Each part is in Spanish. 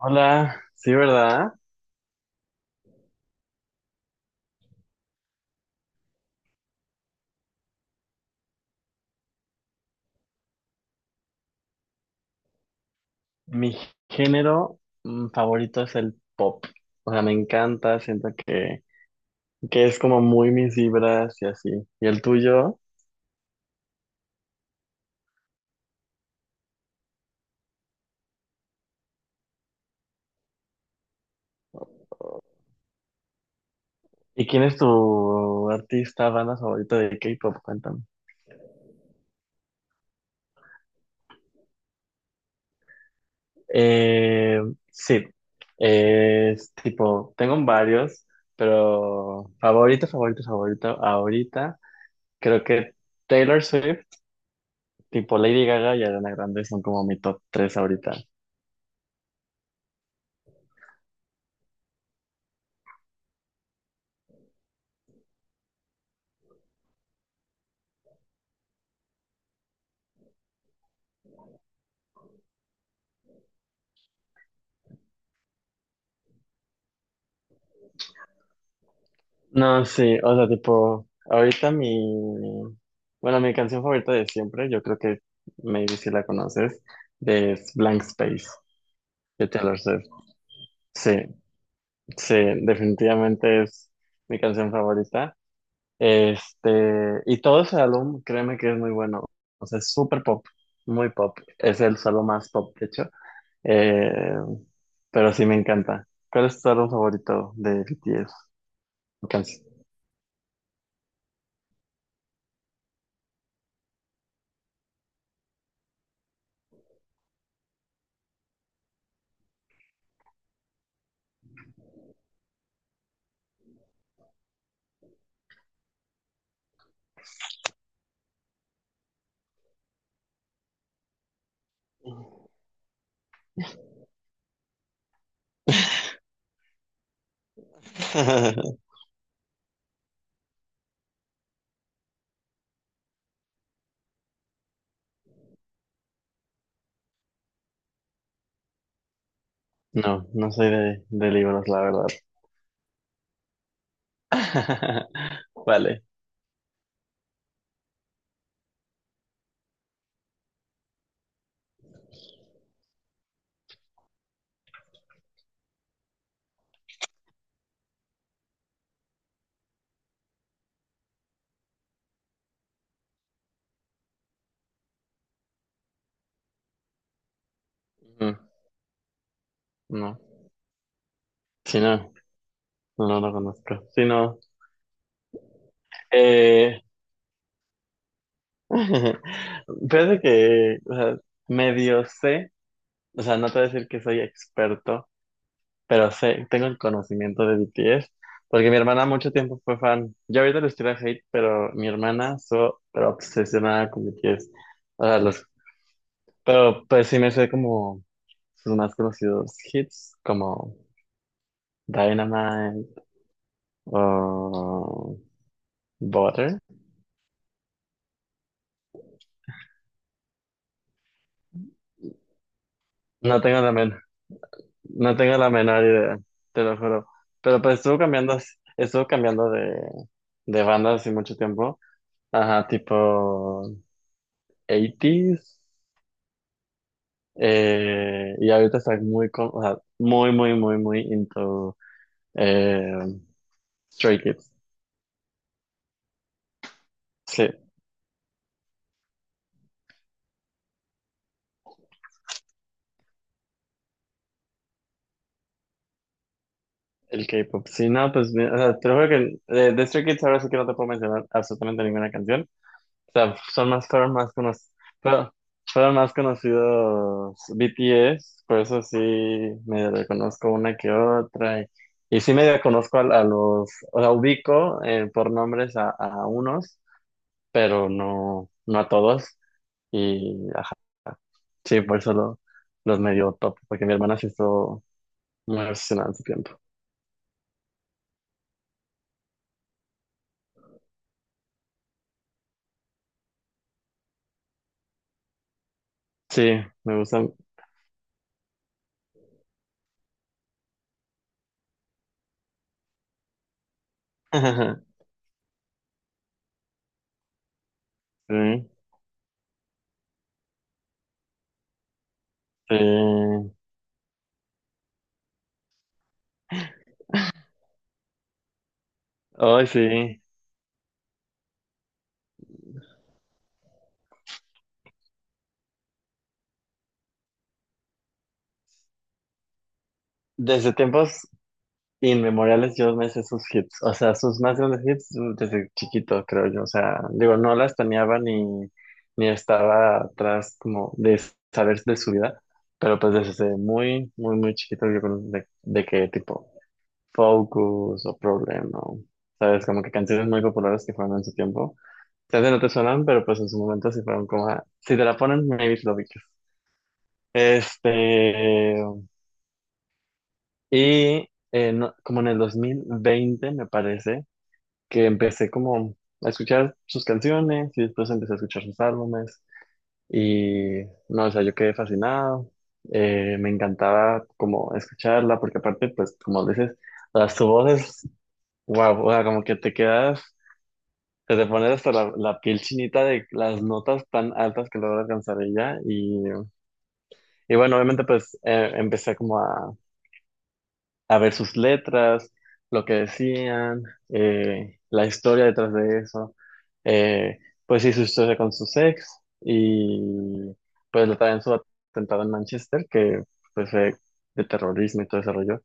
Hola, sí, ¿verdad? Mi género favorito es el pop. O sea, me encanta, siento que es como muy mis vibras y así. ¿Y el tuyo? ¿Y quién es tu artista, banda favorita de K-pop? Cuéntame. Eh, sí, es tipo, tengo varios, pero favorito, ahorita creo que Taylor Swift, tipo Lady Gaga y Ariana Grande son como mi top 3 ahorita. No, sí, o sea, tipo, ahorita mi canción favorita de siempre, yo creo que maybe si la conoces, de es Blank Space de Taylor Swift. Sí, sí, definitivamente es mi canción favorita. Este, y todo ese álbum, créeme que es muy bueno. O sea, es súper pop, muy pop. Es el solo más pop, de hecho. Eh, pero sí me encanta. ¿Cuál es tu álbum favorito de BTS? Canción. No, no soy de libros, la verdad. Vale. Mm. No. Si no, no lo conozco. Si no, eh... fíjate que, o sea, medio sé, o sea, no te voy a decir que soy experto, pero sé, tengo el conocimiento de BTS, porque mi hermana mucho tiempo fue fan. Yo ahorita les tiro hate, pero mi hermana estuvo pero obsesionada con BTS. O sea, los, pero pues sí me sé como sus más conocidos hits, como Dynamite o Butter. No tengo la men- no tengo la menor idea, te lo juro. Pero pues estuvo cambiando de banda hace mucho tiempo. Ajá, tipo 80 y ahorita está muy, o sea, muy, muy, muy, muy into eh, Stray Kids. Sí, el K-pop. Sí, no, pues, o sea, te lo juro que de Stray Kids ahora sí que no te puedo mencionar absolutamente ninguna canción. O sea, son más, fueron más conocidos, fueron, fueron más conocidos BTS, por eso sí medio le conozco una que otra. Y sí medio conozco a los, o sea, ubico por nombres a unos, pero no, no a todos. Y ajá, sí, los medio top, porque mi hermana se hizo muy obsesionada en su tiempo. Sí, me gustan. Sí, sí. Ay, sí. Desde tiempos inmemoriales, yo me sé sus hits, o sea, sus más grandes hits desde chiquito, creo yo, o sea, digo, no las planeaba ni estaba atrás como de saber de su vida, pero pues desde muy, muy, muy chiquito de que tipo Focus o Problem, ¿no? ¿Sabes? Como que canciones muy populares que fueron en su tiempo, tal vez no te suenan, pero pues en su momento sí fueron como, ah, si te la ponen, maybe lo ubicas. Este, y como en el 2020 me parece, que empecé como a escuchar sus canciones y después empecé a escuchar sus álbumes y no, o sea, yo quedé fascinado, me encantaba como escucharla porque aparte pues como dices, las su voz es wow, o sea, como que te quedas, se te pone hasta la, la piel chinita de las notas tan altas que logra alcanzar ella y bueno, obviamente pues empecé como a ver sus letras, lo que decían, la historia detrás de eso. Eh, pues sí, su historia con sus ex y pues le traen su atentado en Manchester, que pues fue de terrorismo y todo ese rollo.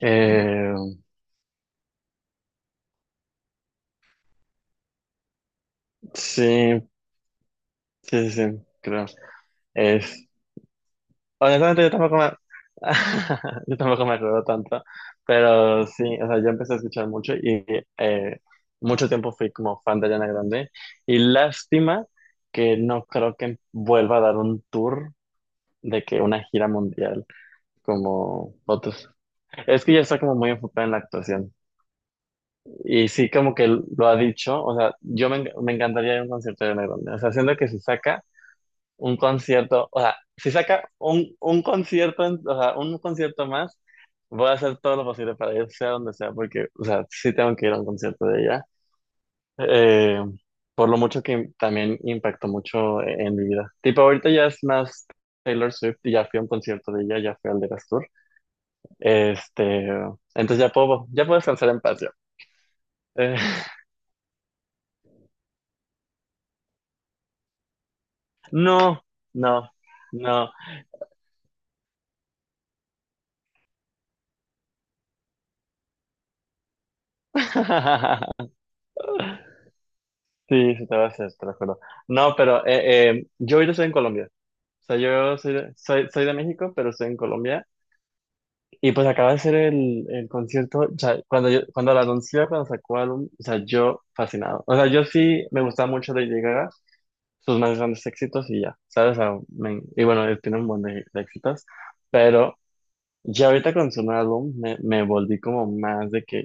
Eh, sí, sí, sí, sí, creo. Honestamente, yo tampoco me, yo tampoco me acuerdo tanto, pero sí, o sea, yo empecé a escuchar mucho y eh, mucho tiempo fui como fan de Ariana Grande y lástima que no creo que vuelva a dar un tour de que una gira mundial como otros. Es que ya está como muy enfocada en la actuación y sí como que lo ha dicho, o sea, me encantaría ir a un concierto de Ariana Grande, o sea, siento que se saca un concierto, o sea, si saca un concierto, un concierto más, voy a hacer todo lo posible para ir, sea donde sea, porque, o sea, sí tengo que ir a un concierto de ella. Eh, por lo mucho que también impactó mucho en mi vida. Tipo, ahorita ya es más Taylor Swift y ya fui a un concierto de ella, ya fui al de Eras Tour. Este, entonces ya puedo descansar en paz ya. Eh, no, no, no. Sí, sí te va a hacer, te lo juro. No, pero yo ahorita estoy en Colombia. O sea, yo soy de, soy de México, pero estoy en Colombia. Y pues acaba de ser el concierto. O sea, cuando la anunció, cuando sacó álbum, o sea, yo fascinado. O sea, yo sí me gustaba mucho de Lady Gaga, sus más grandes éxitos y ya, ¿sabes? O sea, y bueno, él tiene un buen de éxitos. Pero ya ahorita con su nuevo álbum me volví como más de que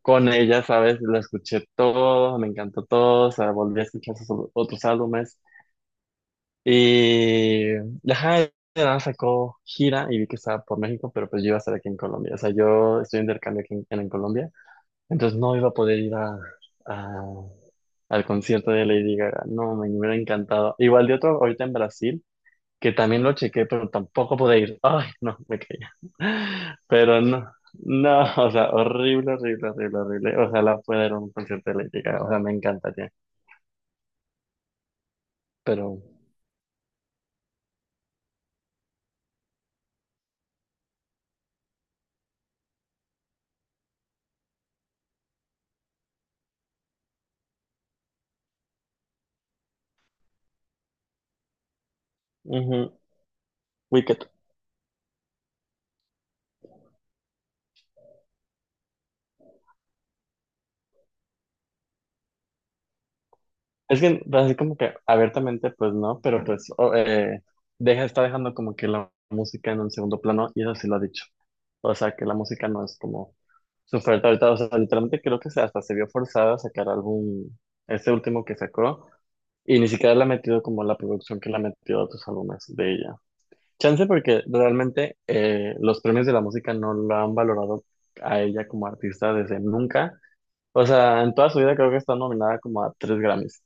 con ella, ¿sabes? La escuché todo, me encantó todo, o sea, volví a escuchar sus otros álbumes y ajá, de nada sacó gira y vi que estaba por México, pero pues yo iba a estar aquí en Colombia, o sea, yo estoy de intercambio aquí en Colombia, entonces no iba a poder ir a- al concierto de Lady Gaga, no, me hubiera encantado. Igual de otro ahorita en Brasil, que también lo chequé, pero tampoco pude ir. Ay, no, me caía. Pero no, no, o sea, horrible, horrible, horrible, horrible. Ojalá pueda ir a un concierto de Lady Gaga, o sea, me encantaría. Pero, ujú, Wicked. Es que, pues, así como que abiertamente, pues no, pero pues deja, está dejando como que la música en un segundo plano, y eso sí lo ha dicho. O sea, que la música no es como su oferta ahorita. O sea, literalmente creo que se, hasta se vio forzada a sacar álbum, este último que sacó. Y ni siquiera la ha metido como la producción que la ha metido a otros álbumes de ella. Chance porque realmente los premios de la música no la han valorado a ella como artista desde nunca. O sea, en toda su vida creo que está nominada como a 3 Grammys.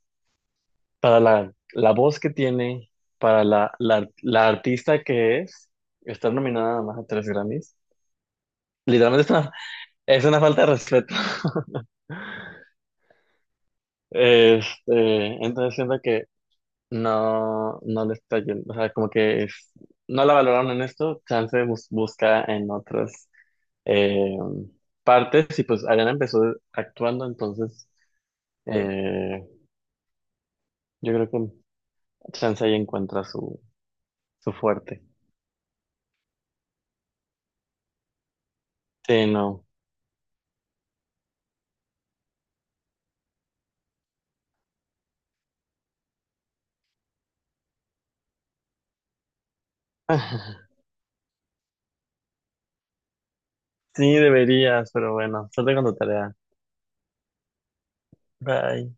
Para la, la voz que tiene, para la artista que es, estar nominada nada más a 3 Grammys. Literalmente es una falta de respeto. Este, entonces siento que no, no le está yendo, o sea, como que no la valoraron en esto, chance busca en otras eh, partes y pues Ariana empezó actuando, entonces eh, yo creo que chance ahí encuentra su fuerte. Sí, no. Sí, deberías, pero bueno, suerte con tu tarea. Bye.